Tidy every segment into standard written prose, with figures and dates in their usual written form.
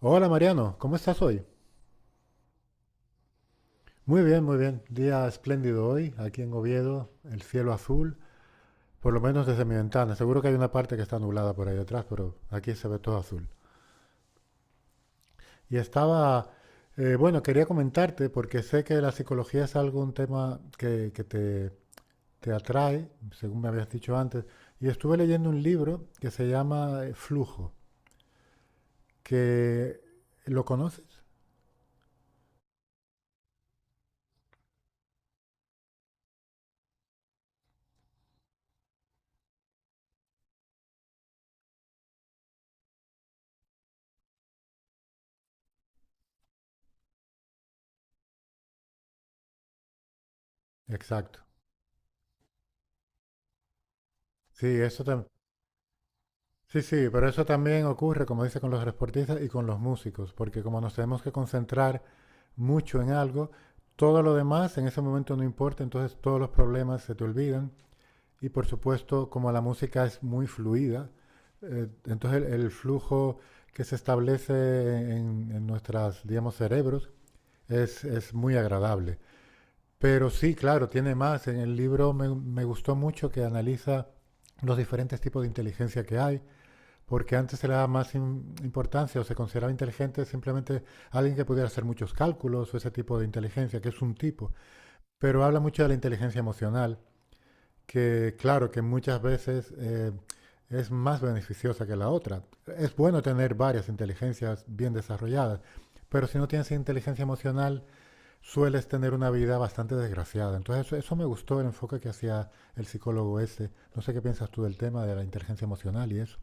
Hola Mariano, ¿cómo estás hoy? Muy bien, muy bien. Día espléndido hoy, aquí en Oviedo, el cielo azul, por lo menos desde mi ventana. Seguro que hay una parte que está nublada por ahí detrás, pero aquí se ve todo azul. Y estaba, bueno, quería comentarte porque sé que la psicología es algo, un tema que te atrae, según me habías dicho antes, y estuve leyendo un libro que se llama Flujo, que ¿lo conoces? Exacto. Sí, eso. Sí, sí, pero eso también ocurre, como dice, con los deportistas y con los músicos, porque como nos tenemos que concentrar mucho en algo, todo lo demás en ese momento no importa, entonces todos los problemas se te olvidan. Y por supuesto, como la música es muy fluida, entonces el flujo que se establece en nuestras, digamos, cerebros es muy agradable. Pero sí, claro, tiene más. En el libro me gustó mucho que analiza los diferentes tipos de inteligencia que hay porque antes se le daba más importancia o se consideraba inteligente simplemente alguien que pudiera hacer muchos cálculos o ese tipo de inteligencia, que es un tipo. Pero habla mucho de la inteligencia emocional, que claro, que muchas veces es más beneficiosa que la otra. Es bueno tener varias inteligencias bien desarrolladas, pero si no tienes inteligencia emocional, sueles tener una vida bastante desgraciada. Entonces eso me gustó el enfoque que hacía el psicólogo ese. No sé qué piensas tú del tema de la inteligencia emocional y eso.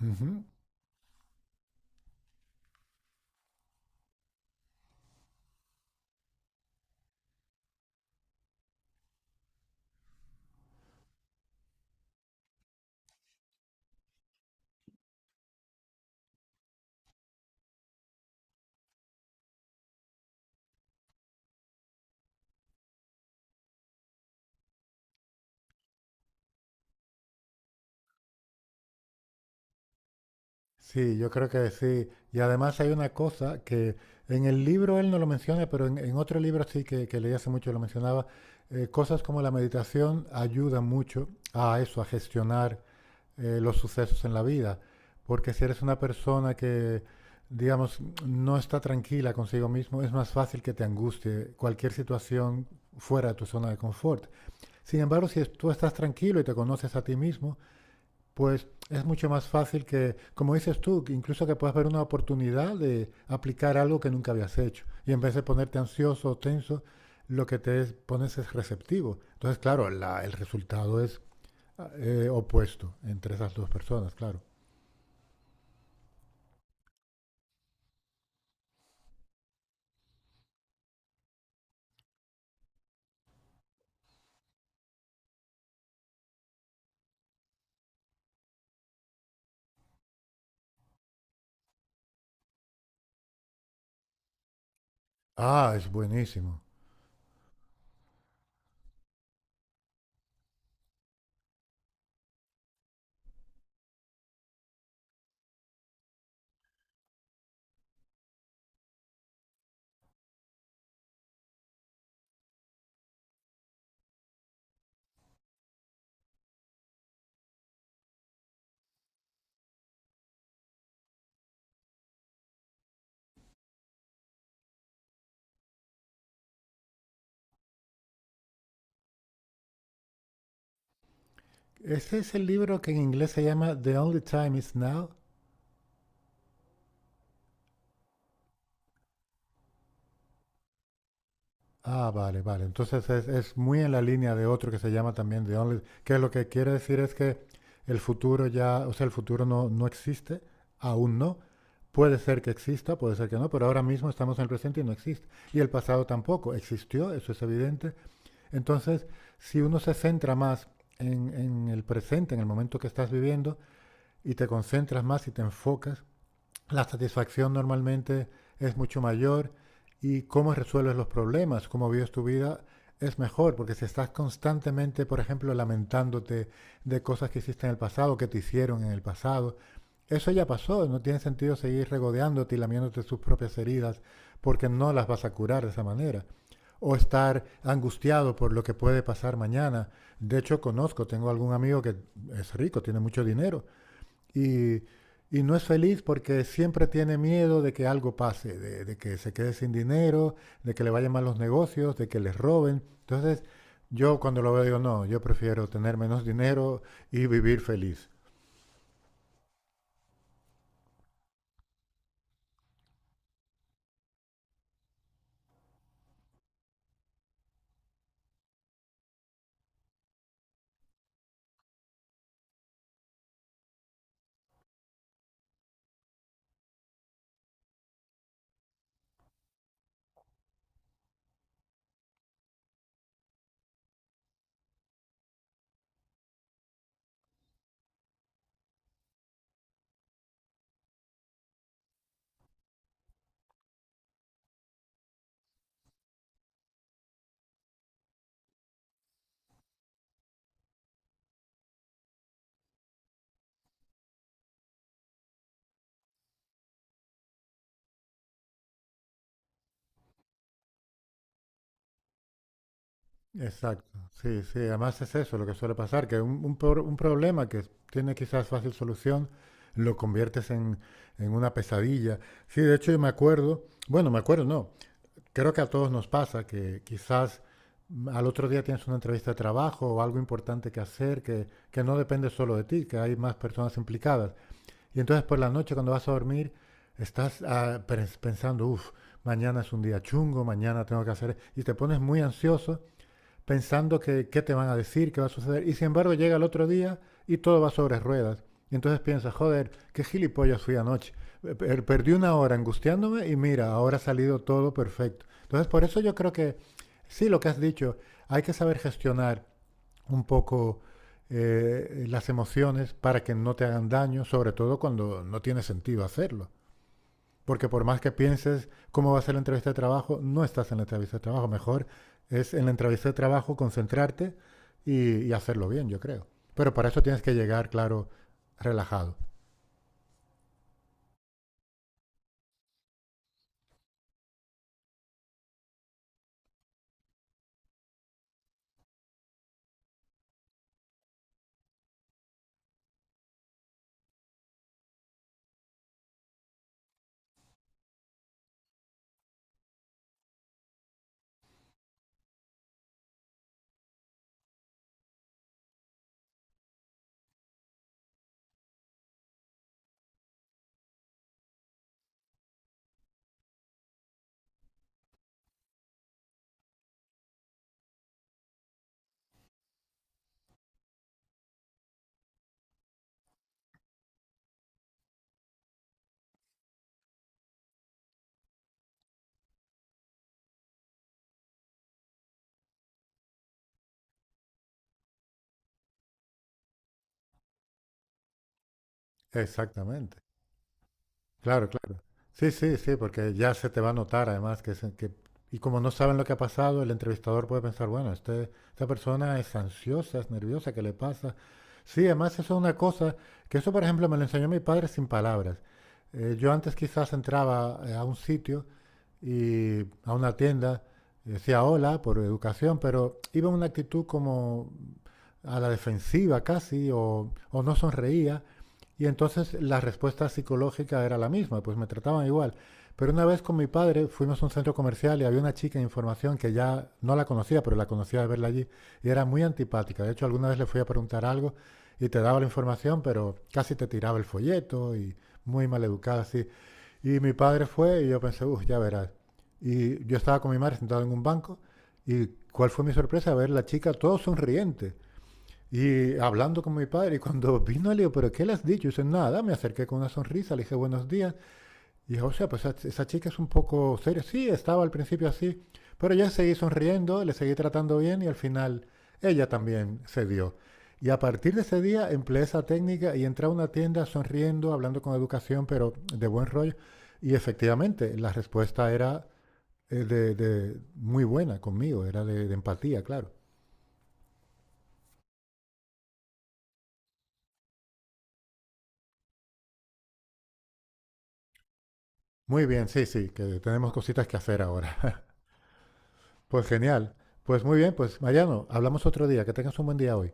Ujú. Sí, yo creo que sí. Y además hay una cosa que en el libro él no lo menciona, pero en otro libro sí que leí hace mucho lo mencionaba. Cosas como la meditación ayudan mucho a eso, a gestionar los sucesos en la vida. Porque si eres una persona que, digamos, no está tranquila consigo mismo, es más fácil que te angustie cualquier situación fuera de tu zona de confort. Sin embargo, si es- tú estás tranquilo y te conoces a ti mismo, pues es mucho más fácil que, como dices tú, que incluso que puedas ver una oportunidad de aplicar algo que nunca habías hecho. Y en vez de ponerte ansioso o tenso, lo que pones es receptivo. Entonces, claro, el resultado es opuesto entre esas dos personas, claro. Ah, es buenísimo. Ese es el libro que en inglés se llama The Only Time Is Now. Ah, vale, vale. Entonces es muy en la línea de otro que se llama también The Only, que lo que quiere decir es que el futuro ya, o sea, el futuro no existe, aún no. Puede ser que exista, puede ser que no, pero ahora mismo estamos en el presente y no existe. Y el pasado tampoco existió, eso es evidente. Entonces, si uno se centra más en el presente, en el momento que estás viviendo, y te concentras más y te enfocas, la satisfacción normalmente es mucho mayor y cómo resuelves los problemas, cómo vives tu vida, es mejor, porque si estás constantemente, por ejemplo, lamentándote de cosas que hiciste en el pasado, que te hicieron en el pasado, eso ya pasó, no tiene sentido seguir regodeándote y lamiéndote sus propias heridas, porque no las vas a curar de esa manera. O estar angustiado por lo que puede pasar mañana. De hecho, conozco, tengo algún amigo que es rico, tiene mucho dinero, y, y no es feliz porque siempre tiene miedo de que algo pase, de que se quede sin dinero, de que le vayan mal los negocios, de que les roben. Entonces, yo cuando lo veo digo, no, yo prefiero tener menos dinero y vivir feliz. Exacto, sí, sí, además es eso lo que suele pasar, que un un problema que tiene quizás fácil solución lo conviertes en una pesadilla. Sí, de hecho yo me acuerdo, bueno, me acuerdo, no, creo que a todos nos pasa que quizás al otro día tienes una entrevista de trabajo o algo importante que hacer que no depende solo de ti, que hay más personas implicadas. Y entonces por la noche cuando vas a dormir estás ah, pensando, uff, mañana es un día chungo, mañana tengo que hacer. Y te pones muy ansioso pensando que qué te van a decir, qué va a suceder. Y sin embargo llega el otro día y todo va sobre ruedas. Y entonces piensas, joder, qué gilipollas fui anoche. Perdí una hora angustiándome y mira, ahora ha salido todo perfecto. Entonces por eso yo creo que sí, lo que has dicho, hay que saber gestionar un poco las emociones para que no te hagan daño, sobre todo cuando no tiene sentido hacerlo. Porque por más que pienses cómo va a ser la entrevista de trabajo, no estás en la entrevista de trabajo. Mejor es en la entrevista de trabajo concentrarte y hacerlo bien, yo creo. Pero para eso tienes que llegar, claro, relajado. Exactamente. Claro, claro. Sí, sí, sí, porque ya se te va a notar además y como no saben lo que ha pasado, el entrevistador puede pensar, bueno, esta persona es ansiosa, es nerviosa, ¿qué le pasa? Sí, además eso es una cosa, que eso por ejemplo me lo enseñó mi padre sin palabras. Yo antes quizás entraba a un sitio y a una tienda y decía hola por educación, pero iba en una actitud como a la defensiva casi o no sonreía. Y entonces la respuesta psicológica era la misma, pues me trataban igual. Pero una vez con mi padre fuimos a un centro comercial y había una chica en información que ya no la conocía, pero la conocía de verla allí y era muy antipática. De hecho, alguna vez le fui a preguntar algo y te daba la información, pero casi te tiraba el folleto y muy mal educada así. Y mi padre fue y yo pensé, uff, ya verás. Y yo estaba con mi madre sentado en un banco y cuál fue mi sorpresa ver la chica todo sonriente y hablando con mi padre, y cuando vino le digo, ¿pero qué le has dicho? Y dice, nada, me acerqué con una sonrisa, le dije buenos días. Y dije, o sea, pues esa, chica es un poco seria. Sí, estaba al principio así, pero ya seguí sonriendo, le seguí tratando bien y al final ella también cedió. Y a partir de ese día empleé esa técnica y entré a una tienda sonriendo, hablando con educación, pero de buen rollo. Y efectivamente, la respuesta era muy buena conmigo, era de empatía, claro. Muy bien, sí, sí, que tenemos cositas que hacer ahora. Pues genial. Pues muy bien, pues Mariano, hablamos otro día. Que tengas un buen día hoy.